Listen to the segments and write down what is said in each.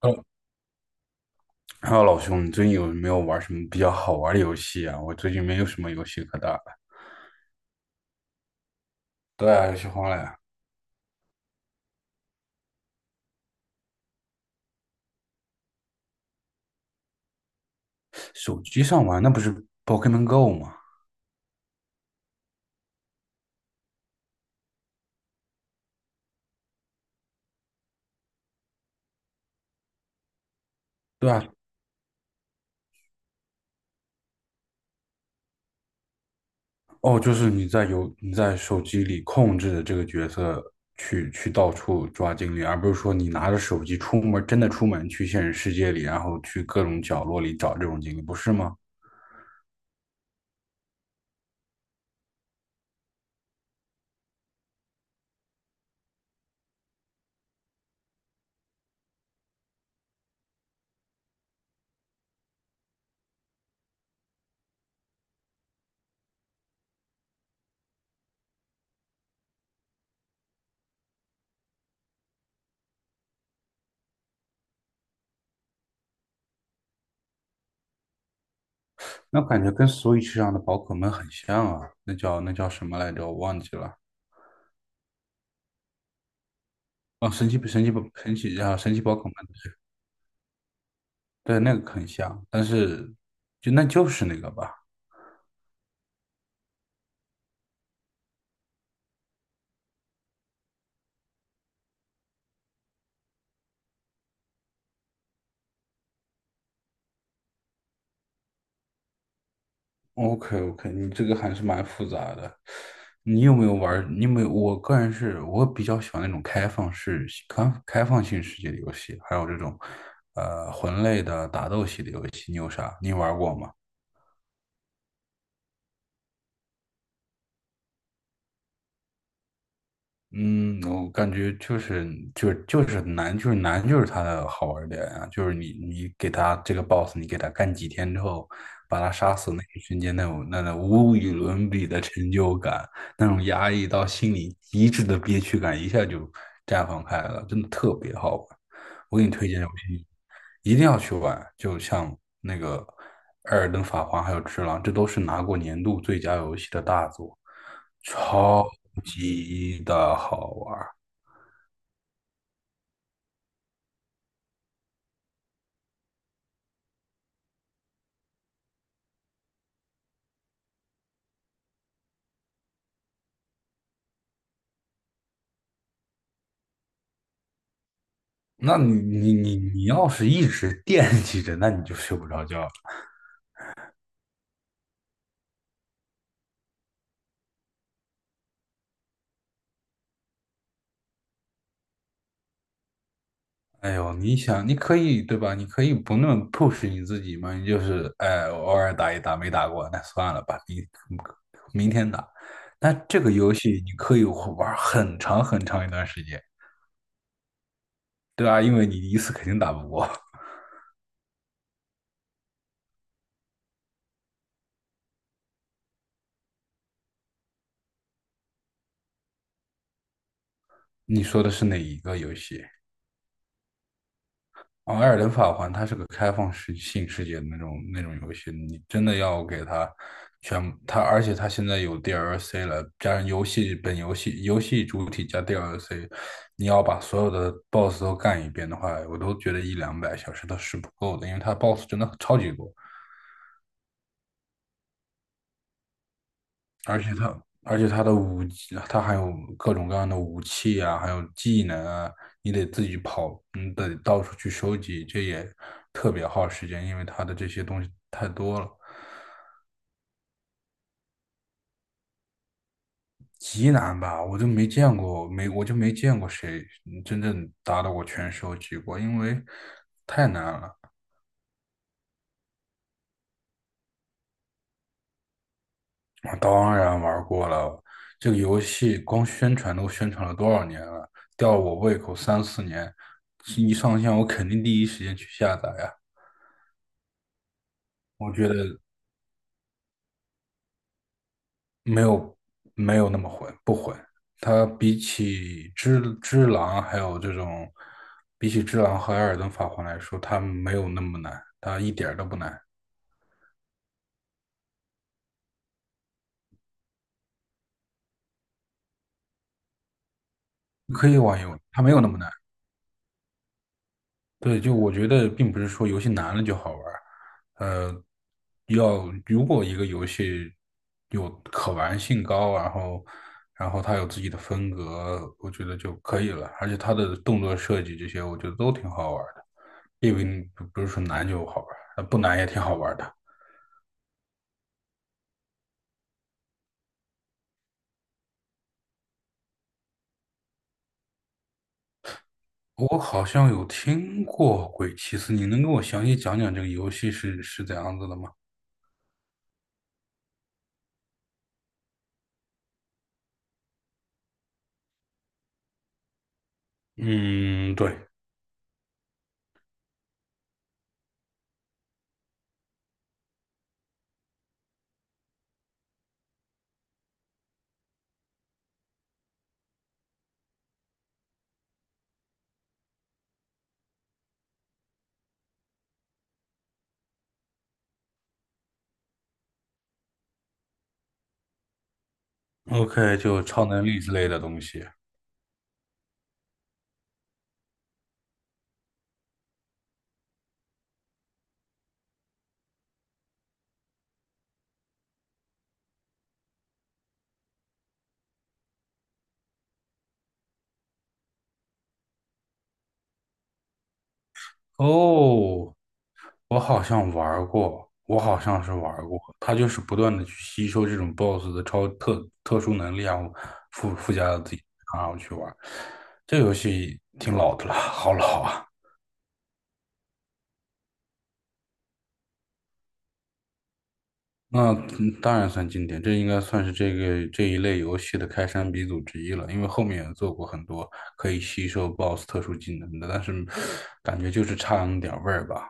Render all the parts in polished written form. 哦，还有老兄，你最近有没有玩什么比较好玩的游戏啊？我最近没有什么游戏可打了。对啊，游戏荒了呀。手机上玩那不是 Pokemon Go 吗？对啊。哦，就是你你在手机里控制的这个角色去到处抓精灵，而不是说你拿着手机出门，真的出门去现实世界里，然后去各种角落里找这种精灵，不是吗？那感觉跟 Switch 上的宝可梦很像啊，那叫什么来着？我忘记了。哦，神奇宝可梦。对，那个很像，但是就是那个吧。OK，你这个还是蛮复杂的。你有没有玩儿？你有没有？我个人是我比较喜欢那种开放式、开放性世界的游戏，还有这种魂类的打斗系的游戏。你有啥？你玩过吗？嗯，我感觉就是难，就是难，就是它的好玩儿点啊！就是你给它这个 boss，你给它干几天之后，把它杀死那一瞬间，那种无与伦比的成就感，那种压抑到心里极致的憋屈感，一下就绽放开了，真的特别好玩。我给你推荐这游戏，一定要去玩。就像那个《艾尔登法环》还有《只狼》，这都是拿过年度最佳游戏的大作，超级的好玩。那你要是一直惦记着，那你就睡不着觉了。哎呦，你想，你可以对吧？你可以不那么 push 你自己嘛，你就是哎，我偶尔打一打，没打过，那算了吧，你明天打。那这个游戏你可以玩很长很长一段时间，对吧？因为你一次肯定打不过。你说的是哪一个游戏？哦，《艾尔登法环》它是个开放式性世界的那种游戏，你真的要给它全它，而且它现在有 DLC 了，加上游戏本游戏游戏主体加 DLC，你要把所有的 BOSS 都干一遍的话，我都觉得一两百小时都是不够的，因为它 BOSS 真的超级多。而且它，而且它的武器，他还有各种各样的武器啊，还有技能啊，你得自己跑，你得到处去收集，这也特别耗时间，因为它的这些东西太多了，极难吧？我就没见过谁真正达到过全收集过，因为太难了。我当然玩过了，这个游戏光宣传都宣传了多少年了，吊我胃口三四年，一上线我肯定第一时间去下载呀。我觉得没有没有那么混，不混。它比起只狼，还有这种，比起只狼和艾尔登法环来说，它没有那么难，它一点儿都不难，可以玩一玩，它没有那么难。对，就我觉得并不是说游戏难了就好玩儿，呃，如果一个游戏有可玩性高，然后它有自己的风格，我觉得就可以了。而且它的动作设计这些，我觉得都挺好玩儿的，并不是说难就好玩儿，不难也挺好玩儿的。我好像有听过《鬼泣四》，你能跟我详细讲讲这个游戏是怎样子的吗？嗯，对，OK，就超能力之类的东西。哦，我好像是玩儿过。他就是不断的去吸收这种 BOSS 的超特殊能力啊，然后附加到自己身上，然后去玩儿这游戏挺老的了，好老啊！那当然算经典，这应该算是这一类游戏的开山鼻祖之一了。因为后面也做过很多可以吸收 BOSS 特殊技能的，但是感觉就是差那么点儿味儿吧。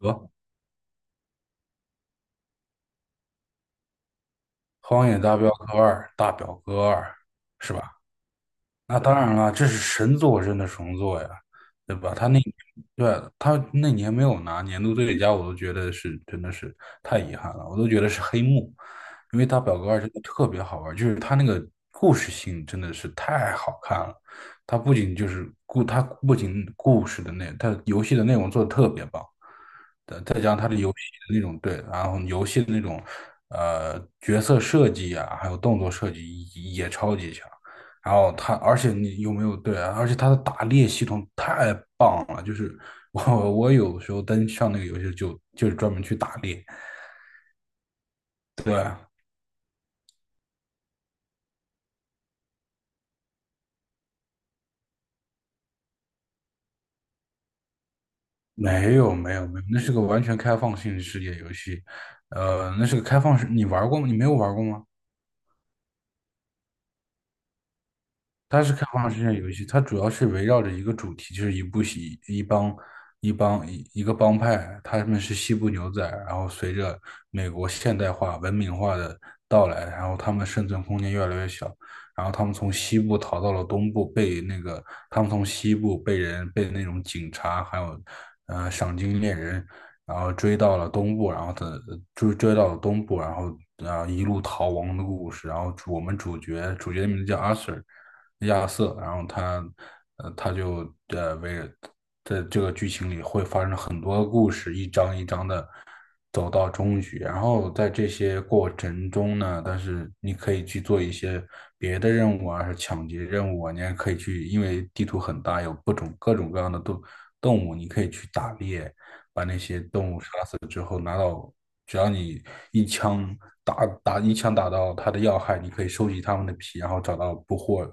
呃，《荒野大镖客二》大表哥二》。那当然了，这是神作，真的神作呀，对吧？他那年没有拿年度最佳，我都觉得是真的是太遗憾了，我都觉得是黑幕，因为他表格二真的特别好玩，就是他那个故事性真的是太好看了。他不仅故事的内，他游戏的内容做的特别棒，对，然后游戏的那种角色设计啊，还有动作设计也超级强。然后它，而且你有没有对啊？而且它的打猎系统太棒了，就是我有时候登上那个游戏就是专门去打猎。对，没有没有没有，那是个完全开放性世界游戏。那是个开放式，你玩过吗？你没有玩过吗？它是开放世界游戏，它主要是围绕着一个主题，就是一部戏、一帮、一帮、一一个帮派，他们是西部牛仔，然后随着美国现代化、文明化的到来，然后他们生存空间越来越小，然后他们从西部逃到了东部，被那个他们从西部被那种警察还有赏金猎人，然后追到了东部，然后他追到了东部，然后啊一路逃亡的故事，然后我们主角的名字叫阿 Sir。亚瑟，然后他呃他就呃为，在这个剧情里会发生很多故事，一章一章的走到终局。然后在这些过程中呢，但是你可以去做一些别的任务啊，是抢劫任务啊，你还可以去，因为地图很大，有各种各样的动物，你可以去打猎，把那些动物杀死之后拿到。只要你一枪一枪打到它的要害，你可以收集它们的皮，然后找到捕获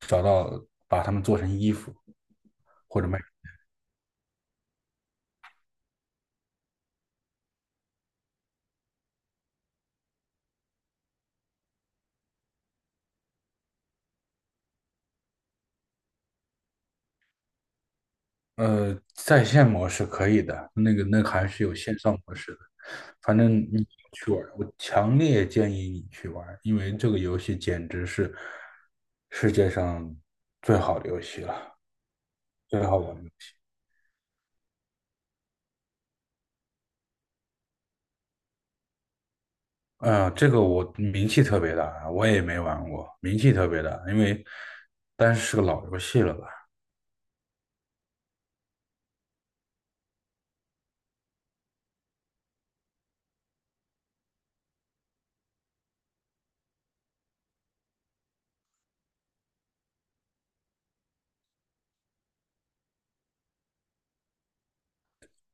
找到把它们做成衣服或者卖。在线模式可以的，那个还是有线上模式的。反正你去玩，我强烈建议你去玩，因为这个游戏简直是世界上最好的游戏了，最好玩的。嗯，这个我名气特别大啊，我也没玩过，名气特别大，但是是个老游戏了吧。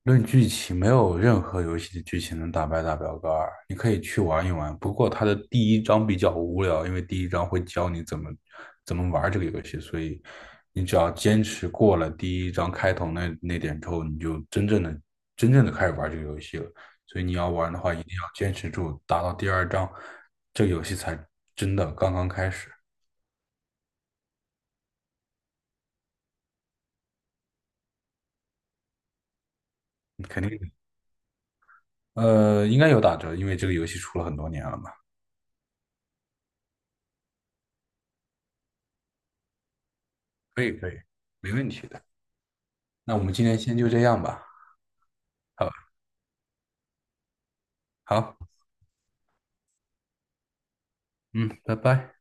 论剧情，没有任何游戏的剧情能打败《大表哥二》，你可以去玩一玩。不过它的第一章比较无聊，因为第一章会教你怎么玩这个游戏，所以你只要坚持过了第一章开头那点之后，你就真正的开始玩这个游戏了。所以你要玩的话，一定要坚持住，打到第二章，这个游戏才真的刚刚开始。肯定，应该有打折，因为这个游戏出了很多年了嘛。可以，可以，没问题的。那我们今天先就这样吧。好，好，嗯，拜拜。